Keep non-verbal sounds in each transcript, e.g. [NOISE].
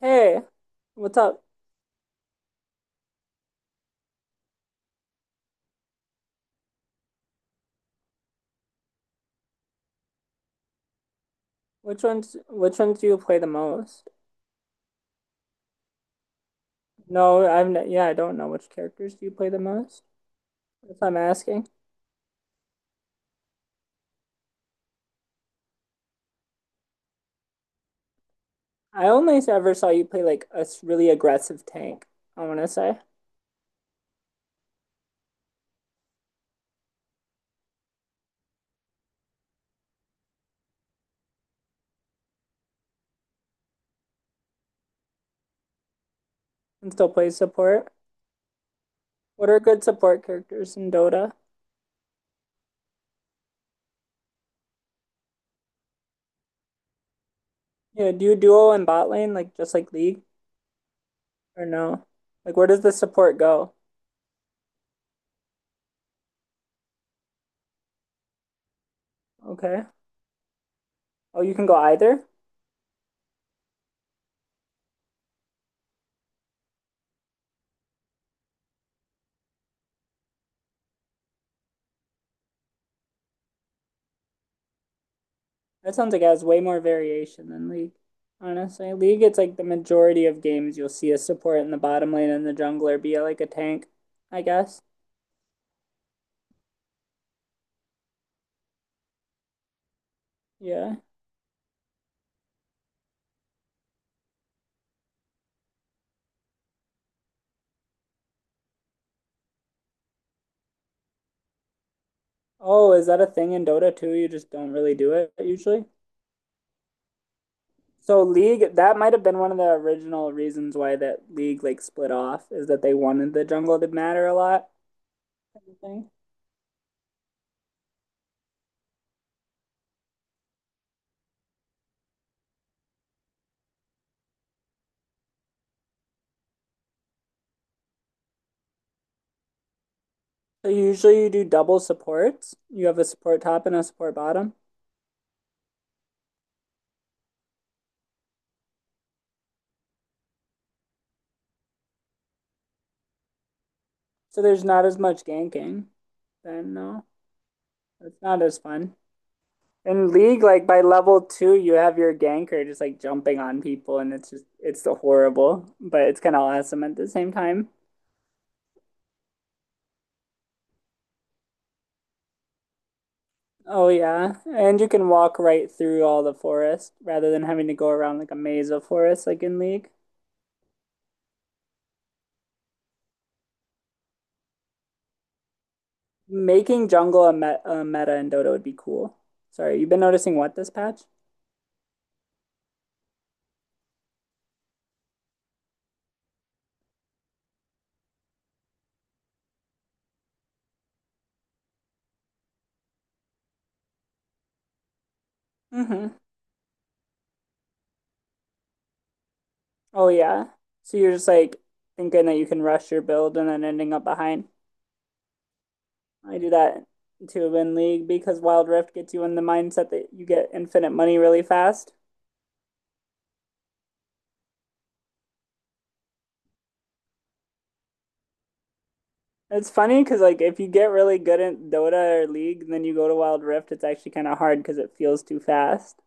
Hey, what's up? Which ones do you play the most? No, I've n yeah, I don't know which characters do you play the most. If I'm asking. I only ever saw you play like a really aggressive tank, I want to say, and still play support. What are good support characters in Dota? Yeah, do you duo in bot lane like just like League or no? Like where does the support go? Okay. Oh, you can go either? That sounds like it has way more variation than League. Honestly, League, it's like the majority of games you'll see a support in the bottom lane and the jungler be like a tank, I guess. Yeah. Oh, is that a thing in Dota too? You just don't really do it usually? So League, that might have been one of the original reasons why that League like split off is that they wanted the jungle to matter a lot, kind of thing. So usually you do double supports. You have a support top and a support bottom. So there's not as much ganking. Then no, it's not as fun. In League, like by level 2, you have your ganker just like jumping on people, and it's so horrible, but it's kind of awesome at the same time. Oh yeah, and you can walk right through all the forest rather than having to go around like a maze of forest like in League. Making jungle a meta in Dota would be cool. Sorry, you've been noticing what this patch? Mm-hmm. Oh yeah. So you're just like thinking that you can rush your build and then ending up behind. I do that to win League because Wild Rift gets you in the mindset that you get infinite money really fast. It's funny because like if you get really good at Dota or League, and then you go to Wild Rift, it's actually kind of hard because it feels too fast.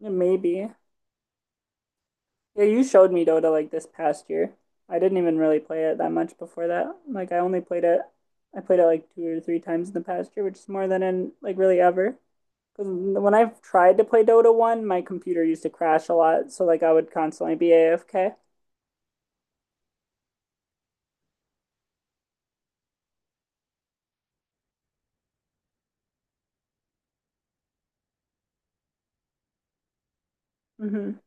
Yeah, maybe. Yeah, you showed me Dota like this past year. I didn't even really play it that much before that. I played it like 2 or 3 times in the past year, which is more than in like really ever. Because when I've tried to play Dota 1, my computer used to crash a lot, so like I would constantly be AFK. hmm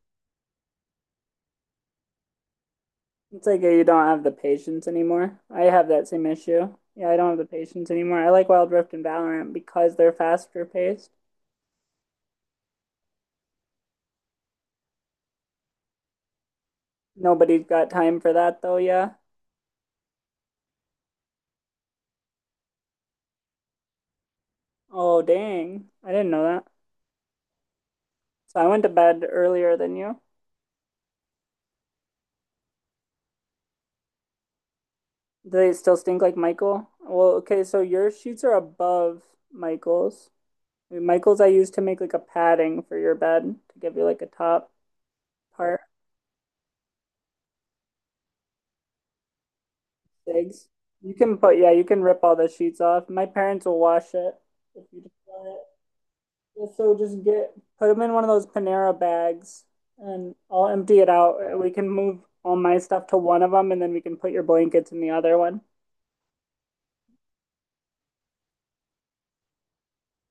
It's like you don't have the patience anymore. I have that same issue. Yeah, I don't have the patience anymore. I like Wild Rift and Valorant because they're faster paced. Nobody's got time for that though, yeah. Oh, dang. I didn't know that. So I went to bed earlier than you. Do they still stink like Michael? Well, okay, so your sheets are above Michael's. Michael's I used to make like a padding for your bed to give you like a top part. Eggs. You can put Yeah, you can rip all the sheets off. My parents will wash it if you desire it. So just get put them in one of those Panera bags, and I'll empty it out. We can move all my stuff to one of them, and then we can put your blankets in the other one.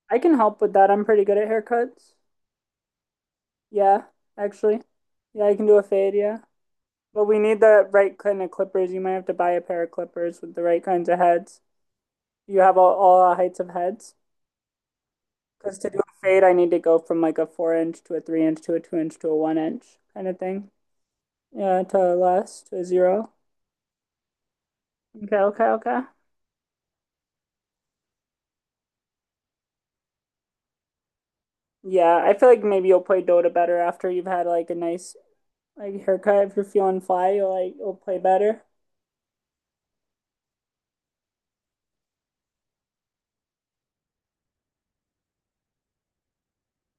I can help with that. I'm pretty good at haircuts. Yeah, actually. Yeah, I can do a fade, yeah. But we need the right kind of clippers. You might have to buy a pair of clippers with the right kinds of heads. You have all heights of heads. Because to do a fade, I need to go from like a 4 inch to a 3 inch to a 2 inch to a 1 inch, kind of thing. Yeah, to a zero. Okay, okay, okay. Yeah, I feel like maybe you'll play Dota better after you've had like a nice like haircut. If you're feeling fly, you'll play better.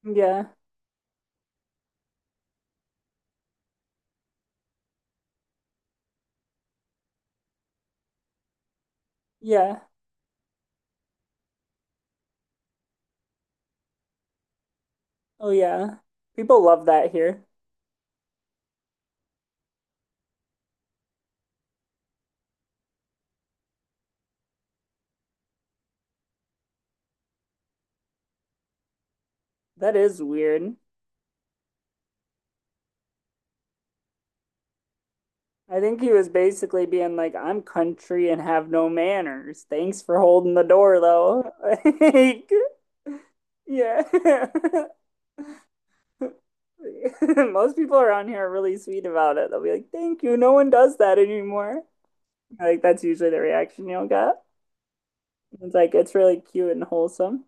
Yeah, yeah. Oh yeah. People love that here. That is weird. I think he was basically being like, I'm country and have no manners. Thanks for holding the door though. [LAUGHS] Like, yeah. [LAUGHS] [LAUGHS] Most people around here are really sweet about it. They'll be like, "Thank you. No one does that anymore." Like that's usually the reaction you'll get. It's like it's really cute and wholesome.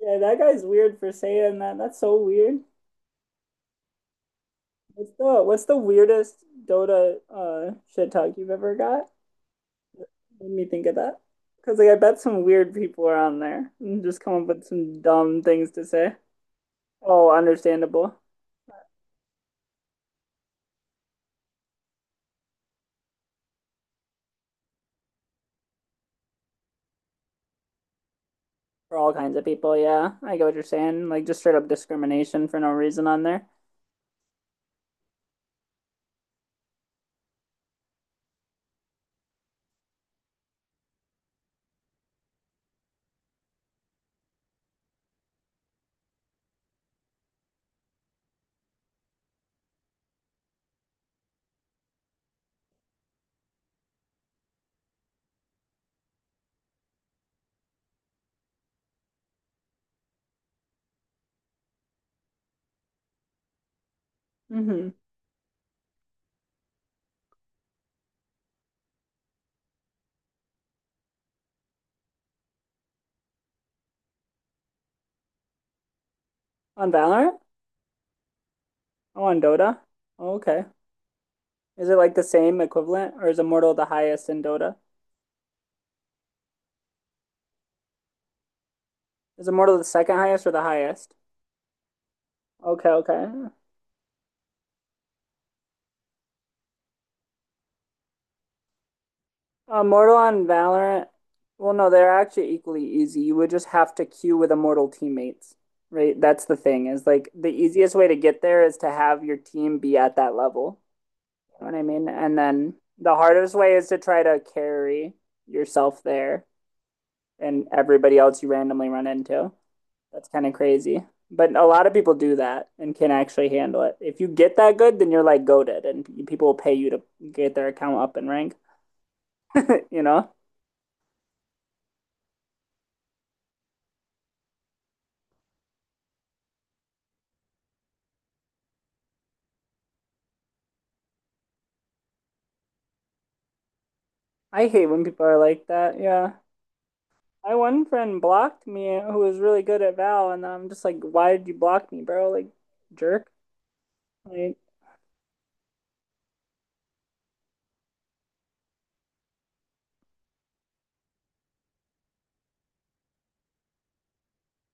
Yeah, that guy's weird for saying that. That's so weird. What's the weirdest Dota shit talk you've ever got? Made me think of that. Because like I bet some weird people are on there and just come up with some dumb things to say. Oh, understandable. For all kinds of people, yeah. I get what you're saying. Like just straight up discrimination for no reason on there. Hmm. On Valorant? Oh, on Dota? Oh, okay. Is it like the same equivalent, or is Immortal the highest in Dota? Is Immortal the second highest or the highest? Okay, okay. Immortal on Valorant. Well, no, they're actually equally easy. You would just have to queue with Immortal teammates, right? That's the thing, is like the easiest way to get there is to have your team be at that level. You know what I mean? And then the hardest way is to try to carry yourself there and everybody else you randomly run into. That's kind of crazy. But a lot of people do that and can actually handle it. If you get that good, then you're like goaded and people will pay you to get their account up in rank, you know? I hate when people are like that. Yeah. My one friend blocked me who was really good at Val, and I'm just like, why did you block me, bro? Like, jerk. Like,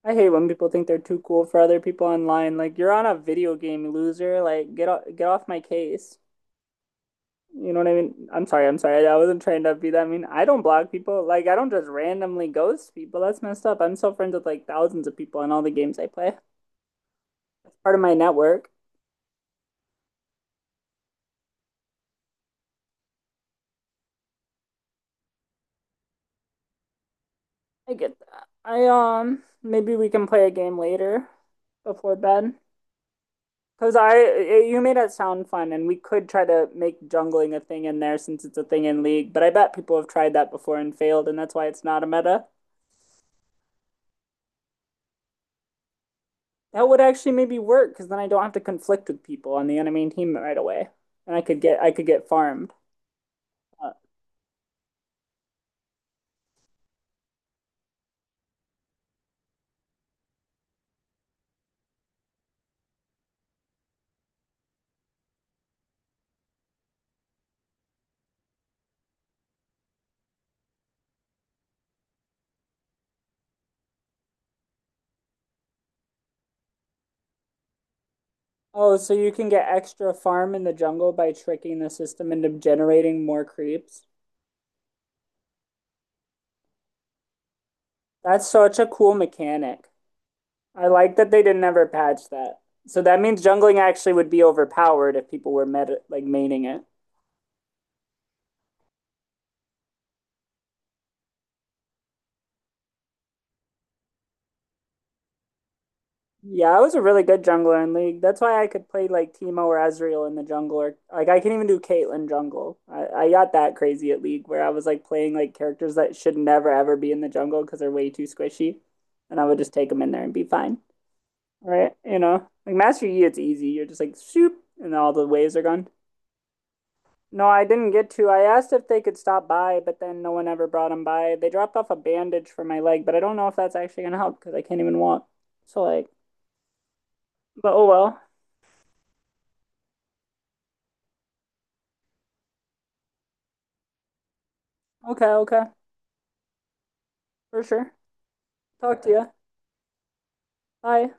I hate when people think they're too cool for other people online. Like, you're on a video game, loser. Like, get off my case. You know what I mean? I'm sorry, I'm sorry. I wasn't trying to be that. I mean, I don't block people. Like, I don't just randomly ghost people. That's messed up. I'm still friends with like thousands of people in all the games I play. It's part of my network. I get that. I Maybe we can play a game later before bed. You made it sound fun and we could try to make jungling a thing in there since it's a thing in League, but I bet people have tried that before and failed and that's why it's not a meta. That would actually maybe work because then I don't have to conflict with people on the enemy team right away, and I could get farmed. Uh, oh, so you can get extra farm in the jungle by tricking the system into generating more creeps. That's such a cool mechanic. I like that they didn't ever patch that. So that means jungling actually would be overpowered if people were meta like maining it. Yeah, I was a really good jungler in League. That's why I could play like Teemo or Ezreal in the jungle, or like I can even do Caitlyn jungle. I got that crazy at League where I was like playing like characters that should never ever be in the jungle because they're way too squishy, and I would just take them in there and be fine. Right? You know, like Master Yi, it's easy. You're just like shoop, and all the waves are gone. No, I didn't get to. I asked if they could stop by, but then no one ever brought them by. They dropped off a bandage for my leg, but I don't know if that's actually gonna help because I can't even walk. So like, but oh well. Okay, okay. For sure. Talk to you. Bye.